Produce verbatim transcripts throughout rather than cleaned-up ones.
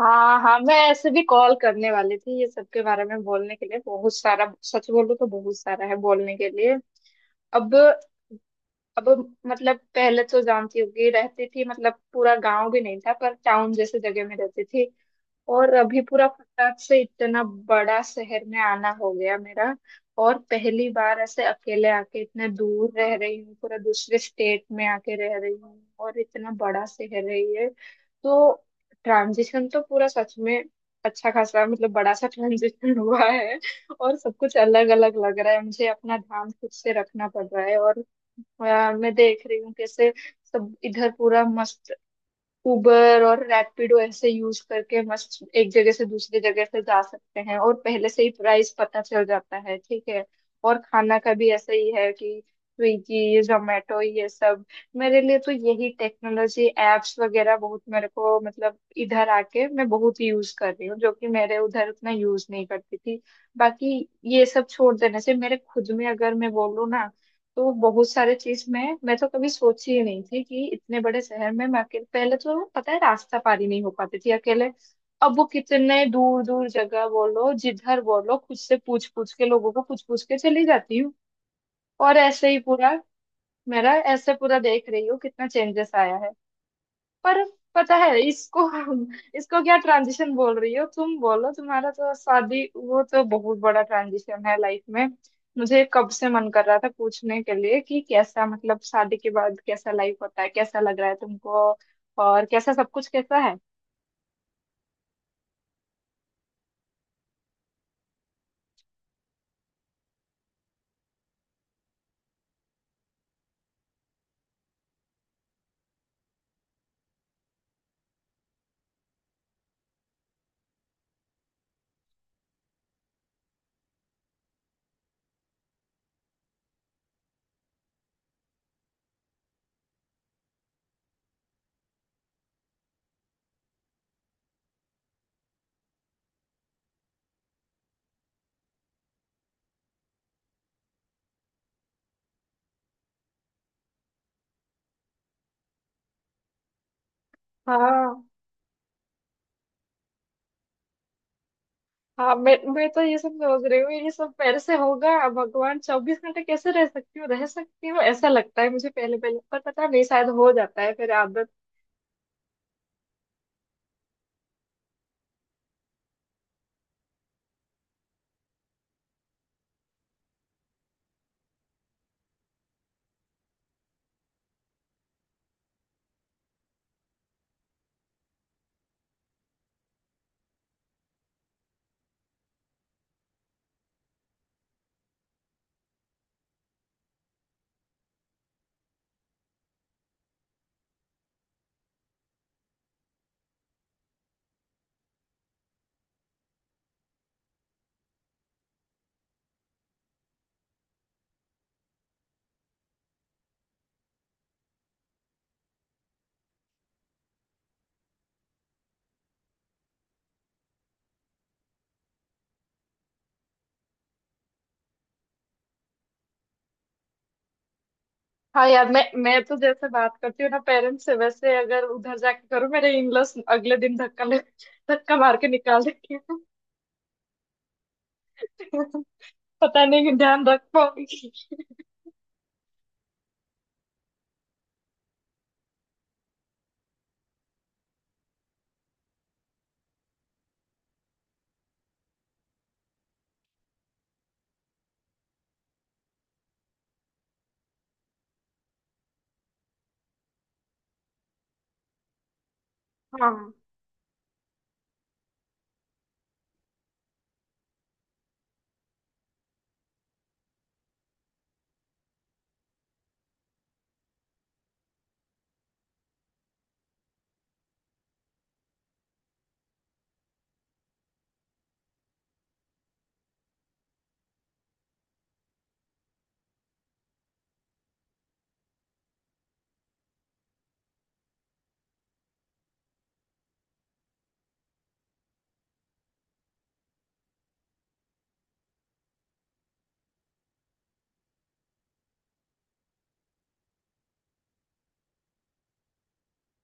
हाँ, हाँ, मैं ऐसे भी कॉल करने वाली थी ये सब के बारे में बोलने के लिए। बहुत सारा, सच बोलूं तो बहुत सारा है बोलने के लिए। अब अब मतलब पहले तो जानती होगी, रहती थी, मतलब पूरा गांव भी नहीं था पर टाउन जैसे जगह में रहती थी। और अभी पूरा फटाक से इतना बड़ा शहर में आना हो गया मेरा। और पहली बार ऐसे अकेले आके इतने दूर रह रही हूँ, पूरा दूसरे स्टेट में आके रह रही हूँ, और इतना बड़ा शहर है ये। तो ट्रांजिशन तो पूरा सच में अच्छा खासा, मतलब बड़ा सा ट्रांजिशन हुआ है। और सब कुछ अलग अलग लग रहा है, मुझे अपना ध्यान खुद से रखना पड़ रहा है। और यार, मैं देख रही हूँ कैसे सब इधर पूरा मस्त उबर और रैपिडो ऐसे यूज करके मस्त एक जगह से दूसरी जगह से जा सकते हैं, और पहले से ही प्राइस पता चल जाता है। ठीक है। और खाना का भी ऐसा ही है कि स्विगी जोमेटो ये सब, मेरे लिए तो यही टेक्नोलॉजी एप्स वगैरह बहुत, मेरे को मतलब इधर आके मैं बहुत यूज कर रही हूँ जो कि मेरे उधर उतना यूज नहीं करती थी। बाकी ये सब छोड़ देने से मेरे खुद में, अगर मैं बोलूँ ना, तो बहुत सारे चीज में मैं तो कभी सोची ही नहीं थी कि इतने बड़े शहर में मैं अकेले, पहले तो पता है रास्ता पारी नहीं हो पाती थी अकेले। अब वो कितने दूर दूर जगह बोलो, जिधर बोलो, खुद से पूछ पूछ के, लोगों को पूछ पूछ के चली जाती हूँ। और ऐसे ही पूरा मेरा ऐसे पूरा देख रही हूँ कितना चेंजेस आया है। पर पता है, इसको इसको क्या ट्रांजिशन बोल रही हो तुम? बोलो, तुम्हारा तो शादी, वो तो बहुत बड़ा ट्रांजिशन है लाइफ में। मुझे कब से मन कर रहा था पूछने के लिए कि कैसा, मतलब शादी के बाद कैसा लाइफ होता है, कैसा लग रहा है तुमको, और कैसा सब कुछ कैसा है? हाँ, हाँ, मैं मैं तो ये सब सोच रही हूँ, ये सब मेरे से होगा? भगवान, चौबीस घंटे कैसे रह सकती हूँ, रह सकती हूँ, ऐसा लगता है मुझे पहले पहले, पर पता नहीं शायद हो जाता है फिर आदत। हाँ यार, मैं मैं तो जैसे बात करती हूँ ना पेरेंट्स से, वैसे अगर उधर जाके करूँ मेरे इनलॉस अगले दिन धक्का ले, धक्का मार के निकाल देंगे। पता नहीं कि ध्यान रख पाऊंगी। हाँ।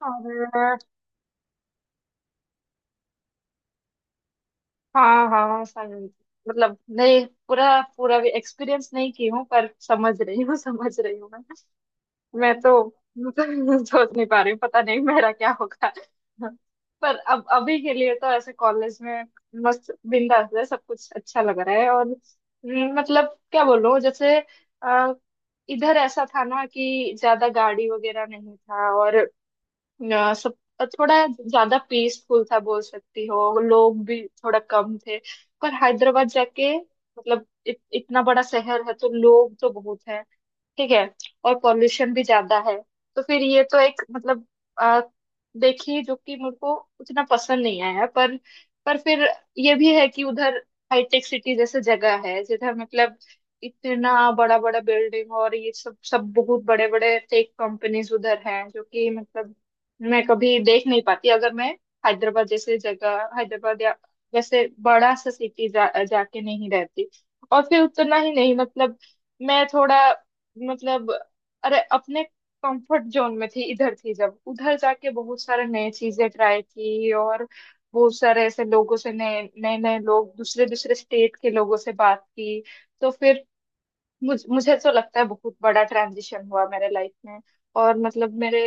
और हाँ, हाँ, समझ, मतलब नहीं पूरा पूरा भी एक्सपीरियंस नहीं की हूँ पर समझ रही हूँ, समझ रही हूँ मैं। मैं तो मतलब सोच नहीं पा रही हूँ, पता नहीं मेरा क्या होगा। पर अब अभी के लिए तो ऐसे कॉलेज में मस्त बिंदास है, सब कुछ अच्छा लग रहा है। और हम्म, मतलब क्या बोलूं, जैसे अ, इधर ऐसा था ना कि ज्यादा गाड़ी वगैरह नहीं था, और अ, सब थोड़ा ज्यादा पीसफुल था बोल सकती हो, लोग भी थोड़ा कम थे। पर हैदराबाद जाके मतलब इत, इतना बड़ा शहर है तो लोग तो बहुत है। ठीक है। और पॉल्यूशन भी ज्यादा है, तो फिर ये तो एक मतलब आ, देखिए जो कि मुझको उतना पसंद नहीं आया। पर पर फिर ये भी है कि उधर हाईटेक सिटी जैसे जगह है, जिधर मतलब इतना बड़ा बड़ा बिल्डिंग और ये सब, सब बहुत बड़े बड़े टेक कंपनीज उधर हैं, जो कि मतलब मैं कभी देख नहीं पाती अगर मैं हैदराबाद जैसे जगह, हैदराबाद या जैसे बड़ा सा सिटी जा, जाके नहीं रहती। और फिर उतना ही नहीं, मतलब मैं थोड़ा, मतलब अरे, अपने कंफर्ट जोन में थी इधर, थी जब उधर जाके बहुत सारे नए चीजें ट्राई की, और बहुत सारे ऐसे लोगों से, नए नए नए लोग दूसरे दूसरे स्टेट के लोगों से बात की। तो फिर मुझ, मुझे तो लगता है बहुत बड़ा ट्रांजिशन हुआ मेरे लाइफ में। और मतलब मेरे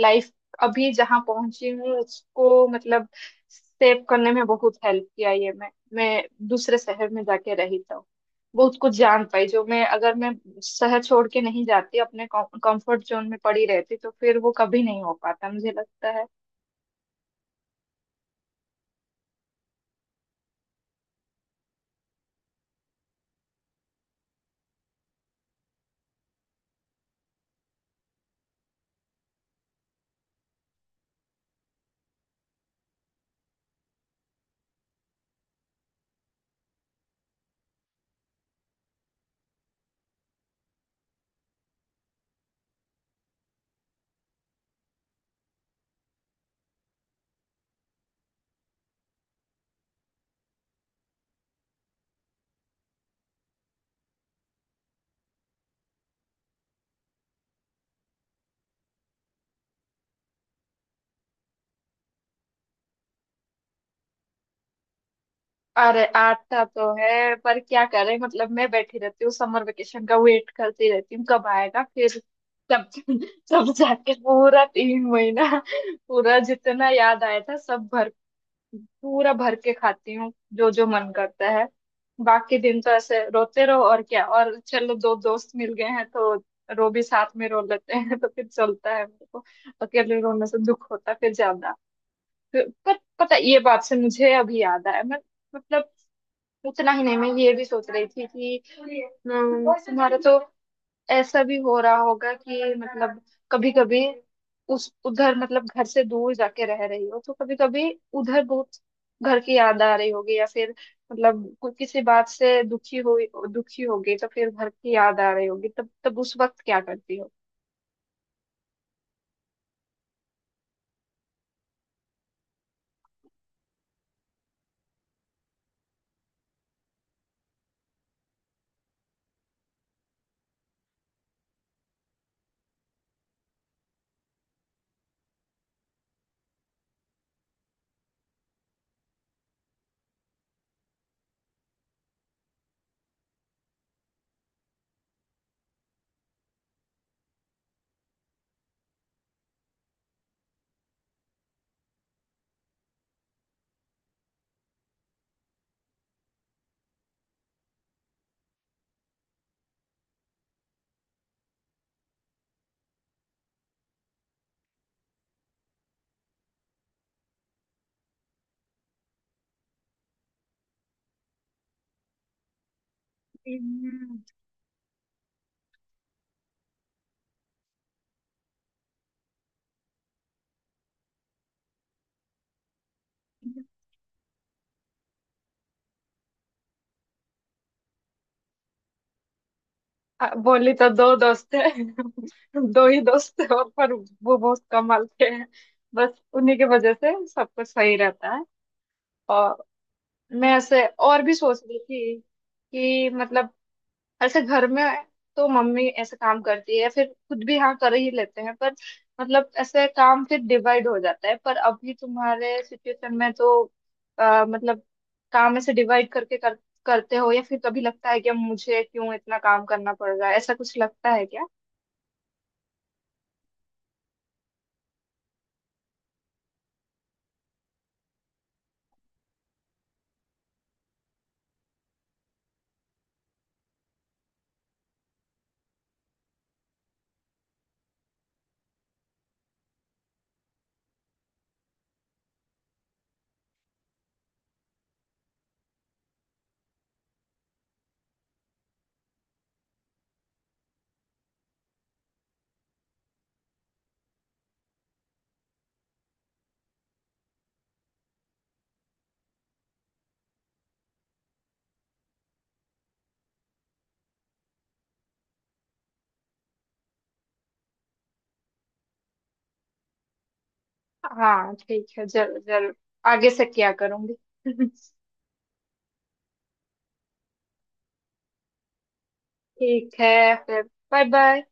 लाइफ अभी जहाँ पहुंची हूँ उसको मतलब सेव करने में बहुत हेल्प किया, ये मैं मैं दूसरे शहर में जाके रही तो बहुत कुछ जान पाई, जो मैं, अगर मैं शहर छोड़ के नहीं जाती, अपने कंफर्ट जोन में पड़ी रहती, तो फिर वो कभी नहीं हो पाता मुझे लगता है। अरे, आता तो है, पर क्या करें, मतलब मैं बैठी रहती हूँ, समर वेकेशन का वेट करती रहती हूँ कब आएगा, फिर तब तब जाके पूरा तीन महीना, पूरा जितना याद आया था सब भर, पूरा भर के खाती हूँ जो जो मन करता है। बाकी दिन तो ऐसे रोते रहो और क्या, और चलो दो दोस्त मिल गए हैं तो रो भी साथ में रो लेते हैं, तो फिर चलता है मेरे को। अकेले रोने से दुख होता है फिर ज्यादा। फिर- पर पता है, ये बात से मुझे अभी याद आया, मैं मतलब उतना ही नहीं, मैं ये भी सोच रही थी कि अम, तुम्हारा तो ऐसा भी हो रहा होगा कि मतलब कभी कभी उस उधर मतलब घर से दूर जाके रह रही हो तो कभी कभी उधर बहुत घर की याद आ रही होगी, या फिर मतलब कोई किसी बात से दुखी हुई दुखी होगी तो फिर घर की याद आ रही होगी, तब तब उस वक्त क्या करती हो? आ, बोली तो दो दोस्त है दो ही दोस्त है, और पर वो बहुत कमाल के हैं। बस उन्हीं की वजह से सब कुछ सही रहता है। और मैं ऐसे और भी सोच रही थी कि मतलब ऐसे घर में तो मम्मी ऐसे काम करती है, फिर खुद भी हाँ कर ही लेते हैं, पर मतलब ऐसे काम फिर डिवाइड हो जाता है। पर अभी तुम्हारे सिचुएशन में तो अ, मतलब काम ऐसे डिवाइड करके कर, करते हो, या फिर कभी लगता है कि अब मुझे क्यों इतना काम करना पड़ रहा है, ऐसा कुछ लगता है क्या? हाँ ठीक है, जरूर जरूर। आगे से क्या करूंगी। ठीक है फिर, बाय बाय।